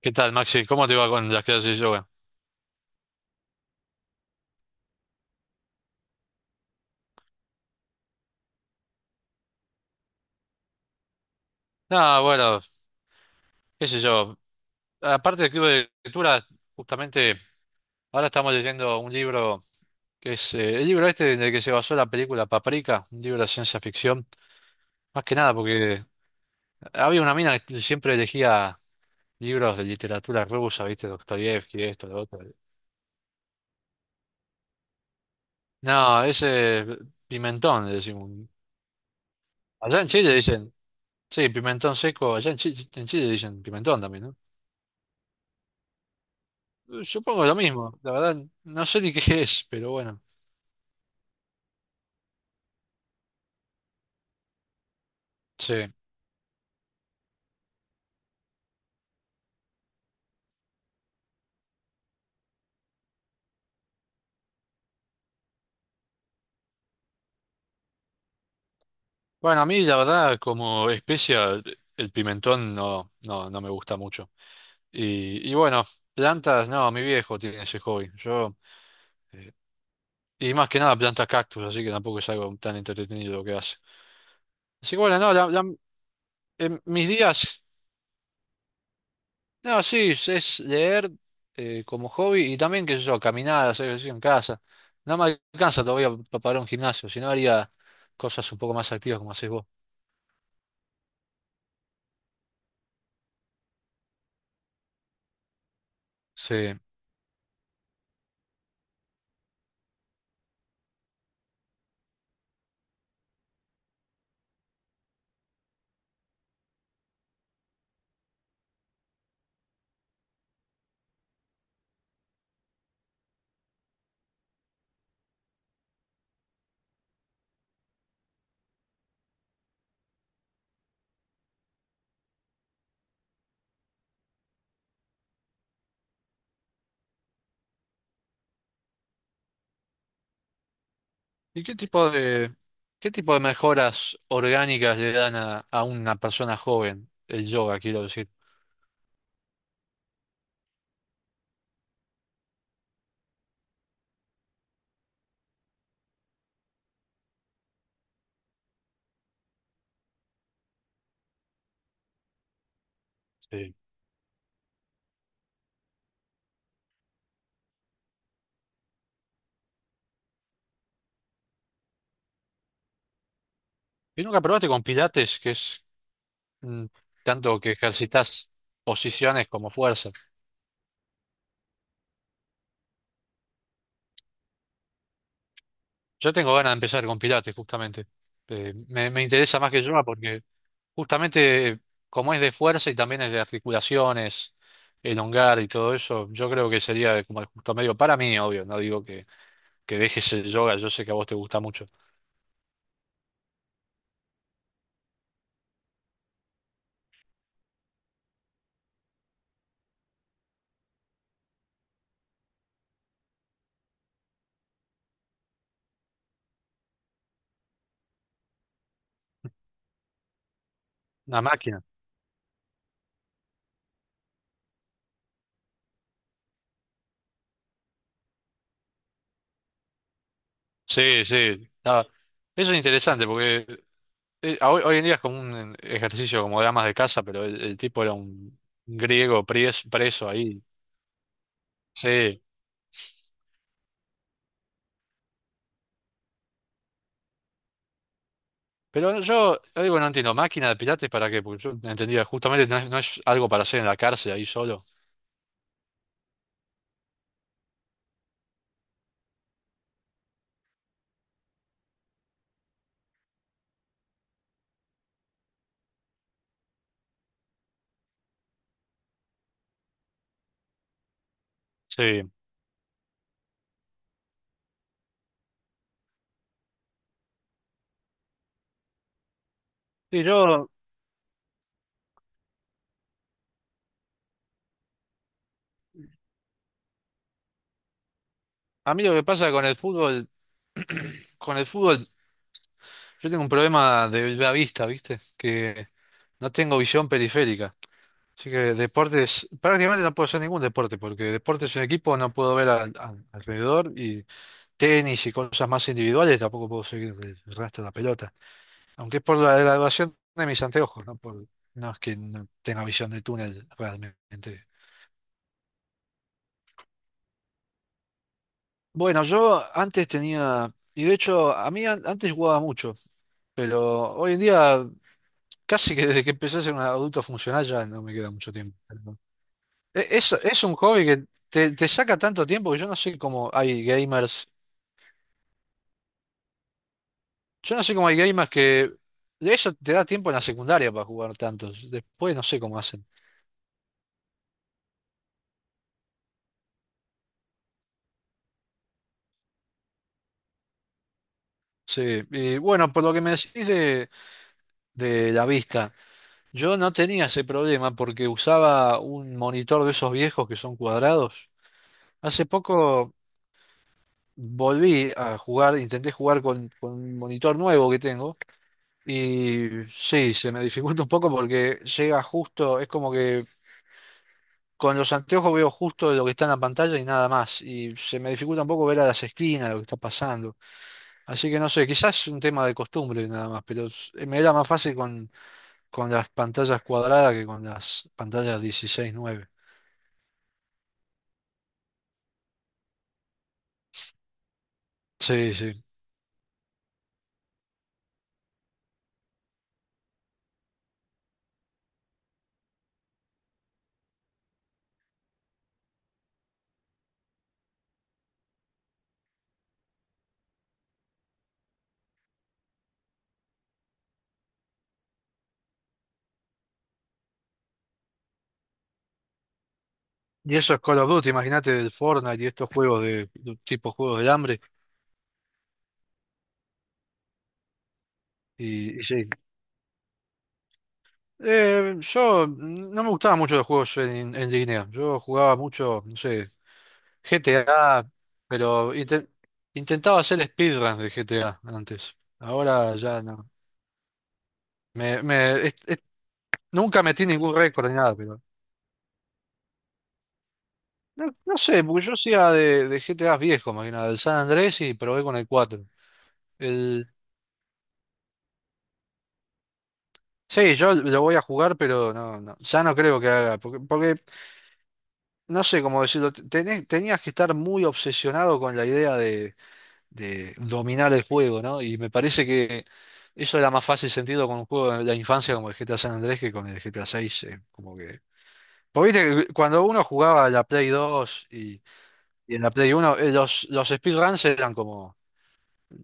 ¿Qué tal, Maxi? ¿Cómo te va con las clases de yoga? Nada, bueno, qué sé yo. Aparte del club de lectura, justamente ahora estamos leyendo un libro que es el libro este en el que se basó la película Paprika, un libro de ciencia ficción. Más que nada porque había una mina que siempre elegía libros de literatura rusa, ¿viste? Dostoyevski, esto, lo otro. No, ese pimentón, le decimos. Allá en Chile dicen, sí, pimentón seco, allá en Chile dicen pimentón también, ¿no? Supongo lo mismo, la verdad, no sé ni qué es, pero bueno, sí. Bueno, a mí la verdad como especia el pimentón no, no, no me gusta mucho. Y bueno, plantas, no, mi viejo tiene ese hobby. Yo, eh, y más que nada plantas cactus, así que tampoco es algo tan entretenido lo que hace. Así que bueno, no, en mis días, no, sí, es leer como hobby y también, qué sé yo, caminar, hacer ejercicio en casa. No me alcanza todavía para un gimnasio, si no haría cosas un poco más activas como haces vos. Sí. ¿Y qué tipo de mejoras orgánicas le dan a una persona joven el yoga, quiero decir? Sí. ¿Y nunca probaste con pilates, que es mm, tanto que ejercitas posiciones como fuerza? Yo tengo ganas de empezar con pilates, justamente. Me interesa más que el yoga porque justamente como es de fuerza y también es de articulaciones, elongar y todo eso, yo creo que sería como el justo medio para mí, obvio, no digo que dejes el yoga, yo sé que a vos te gusta mucho. Una máquina. Sí, sí. Ah, eso es interesante porque hoy en día es como un ejercicio como de amas de casa, pero el tipo era un griego preso, ahí. Sí. Pero yo digo, no entiendo, máquina de pilates para qué, porque yo entendía, justamente no es algo para hacer en la cárcel ahí solo. Sí. Sí, a mí lo que pasa con el fútbol, con el fútbol, yo tengo un problema de la vista, ¿viste? Que no tengo visión periférica. Así que deportes, prácticamente no puedo hacer ningún deporte, porque deportes en equipo no puedo ver alrededor y tenis y cosas más individuales tampoco puedo seguir el rastro de la pelota. Aunque es por la graduación de mis anteojos, ¿no? Por, no es que no tenga visión de túnel realmente. Bueno, yo antes tenía, y de hecho a mí antes jugaba mucho, pero hoy en día casi que desde que empecé a ser un adulto funcional ya no me queda mucho tiempo. Es un hobby que te saca tanto tiempo que yo no sé cómo hay gamers. Yo no sé cómo hay gamers que. De eso te da tiempo en la secundaria para jugar tantos. Después no sé cómo hacen. Sí, y bueno, por lo que me decís de la vista, yo no tenía ese problema porque usaba un monitor de esos viejos que son cuadrados. Hace poco volví a jugar, intenté jugar con un monitor nuevo que tengo. Y sí, se me dificulta un poco porque llega justo, es como que con los anteojos veo justo lo que está en la pantalla y nada más. Y se me dificulta un poco ver a las esquinas lo que está pasando. Así que no sé, quizás es un tema de costumbre nada más, pero me era más fácil con las pantallas cuadradas que con las pantallas 16:9. Sí, sí. Y eso es Call of Duty, imagínate del Fortnite y estos juegos de tipo juegos del hambre. Y sí. Yo no me gustaban mucho los juegos en línea. Yo jugaba mucho, no sé. GTA, pero intentaba hacer speedruns de GTA antes. Ahora ya no. Me, me- es- es- nunca metí ningún récord ni nada, pero. No, no sé, porque yo hacía de GTA viejo, más que nada, del San Andrés y probé con el 4. El, sí, yo lo voy a jugar, pero no, no, ya no creo que haga. Porque, no sé cómo decirlo, tenías que estar muy obsesionado con la idea de dominar el juego, ¿no? Y me parece que eso era más fácil sentido con un juego de la infancia como el GTA San Andrés que con el GTA 6, como que. Porque viste que cuando uno jugaba a la Play 2 y en la Play 1, los speedruns eran como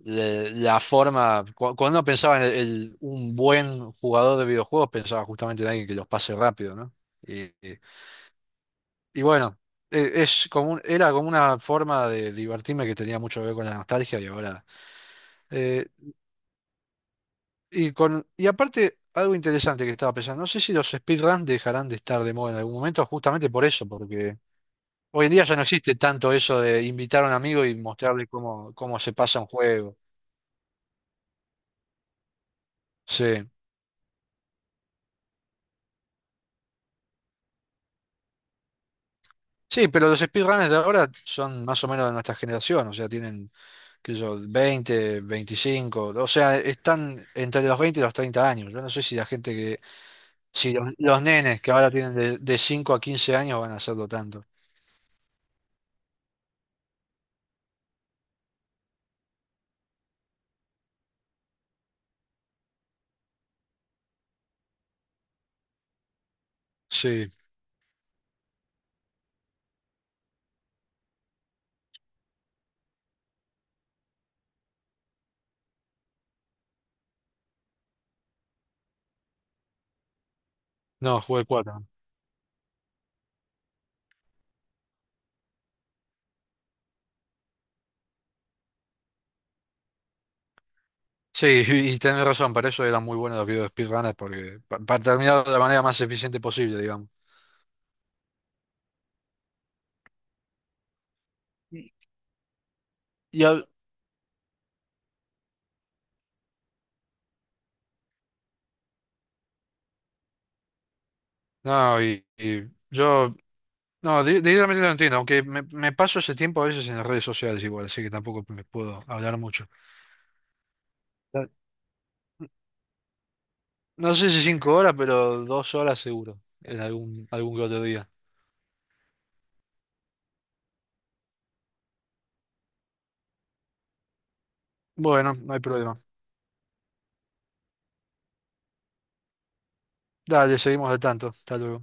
cuando uno pensaba en un buen jugador de videojuegos, pensaba justamente en alguien que los pase rápido, ¿no? Y, y- y bueno, era como una forma de divertirme que tenía mucho que ver con la nostalgia y ahora. Eh, y aparte, algo interesante que estaba pensando, no sé si los speedruns dejarán de estar de moda en algún momento, justamente por eso, porque hoy en día ya no existe tanto eso de invitar a un amigo y mostrarle cómo se pasa un juego. Sí. Sí, pero los speedrunners de ahora son más o menos de nuestra generación, o sea, tienen, qué sé yo, 20, 25, o sea, están entre los 20 y los 30 años. Yo no sé si la gente que, si los nenes que ahora tienen de 5 a 15 años van a hacerlo tanto. Sí, no, jugué cuatro. Sí, y tenés razón, para eso eran muy buenos los videos de speedrunners, porque para terminar de la manera más eficiente posible, digamos. Y, y no, y yo, no, directamente no entiendo, aunque me paso ese tiempo a veces en las redes sociales igual, así que tampoco me puedo hablar mucho. No, no sé si 5 horas, pero 2 horas seguro, en algún que otro día. Bueno, no hay problema. Dale, seguimos al tanto. Hasta luego.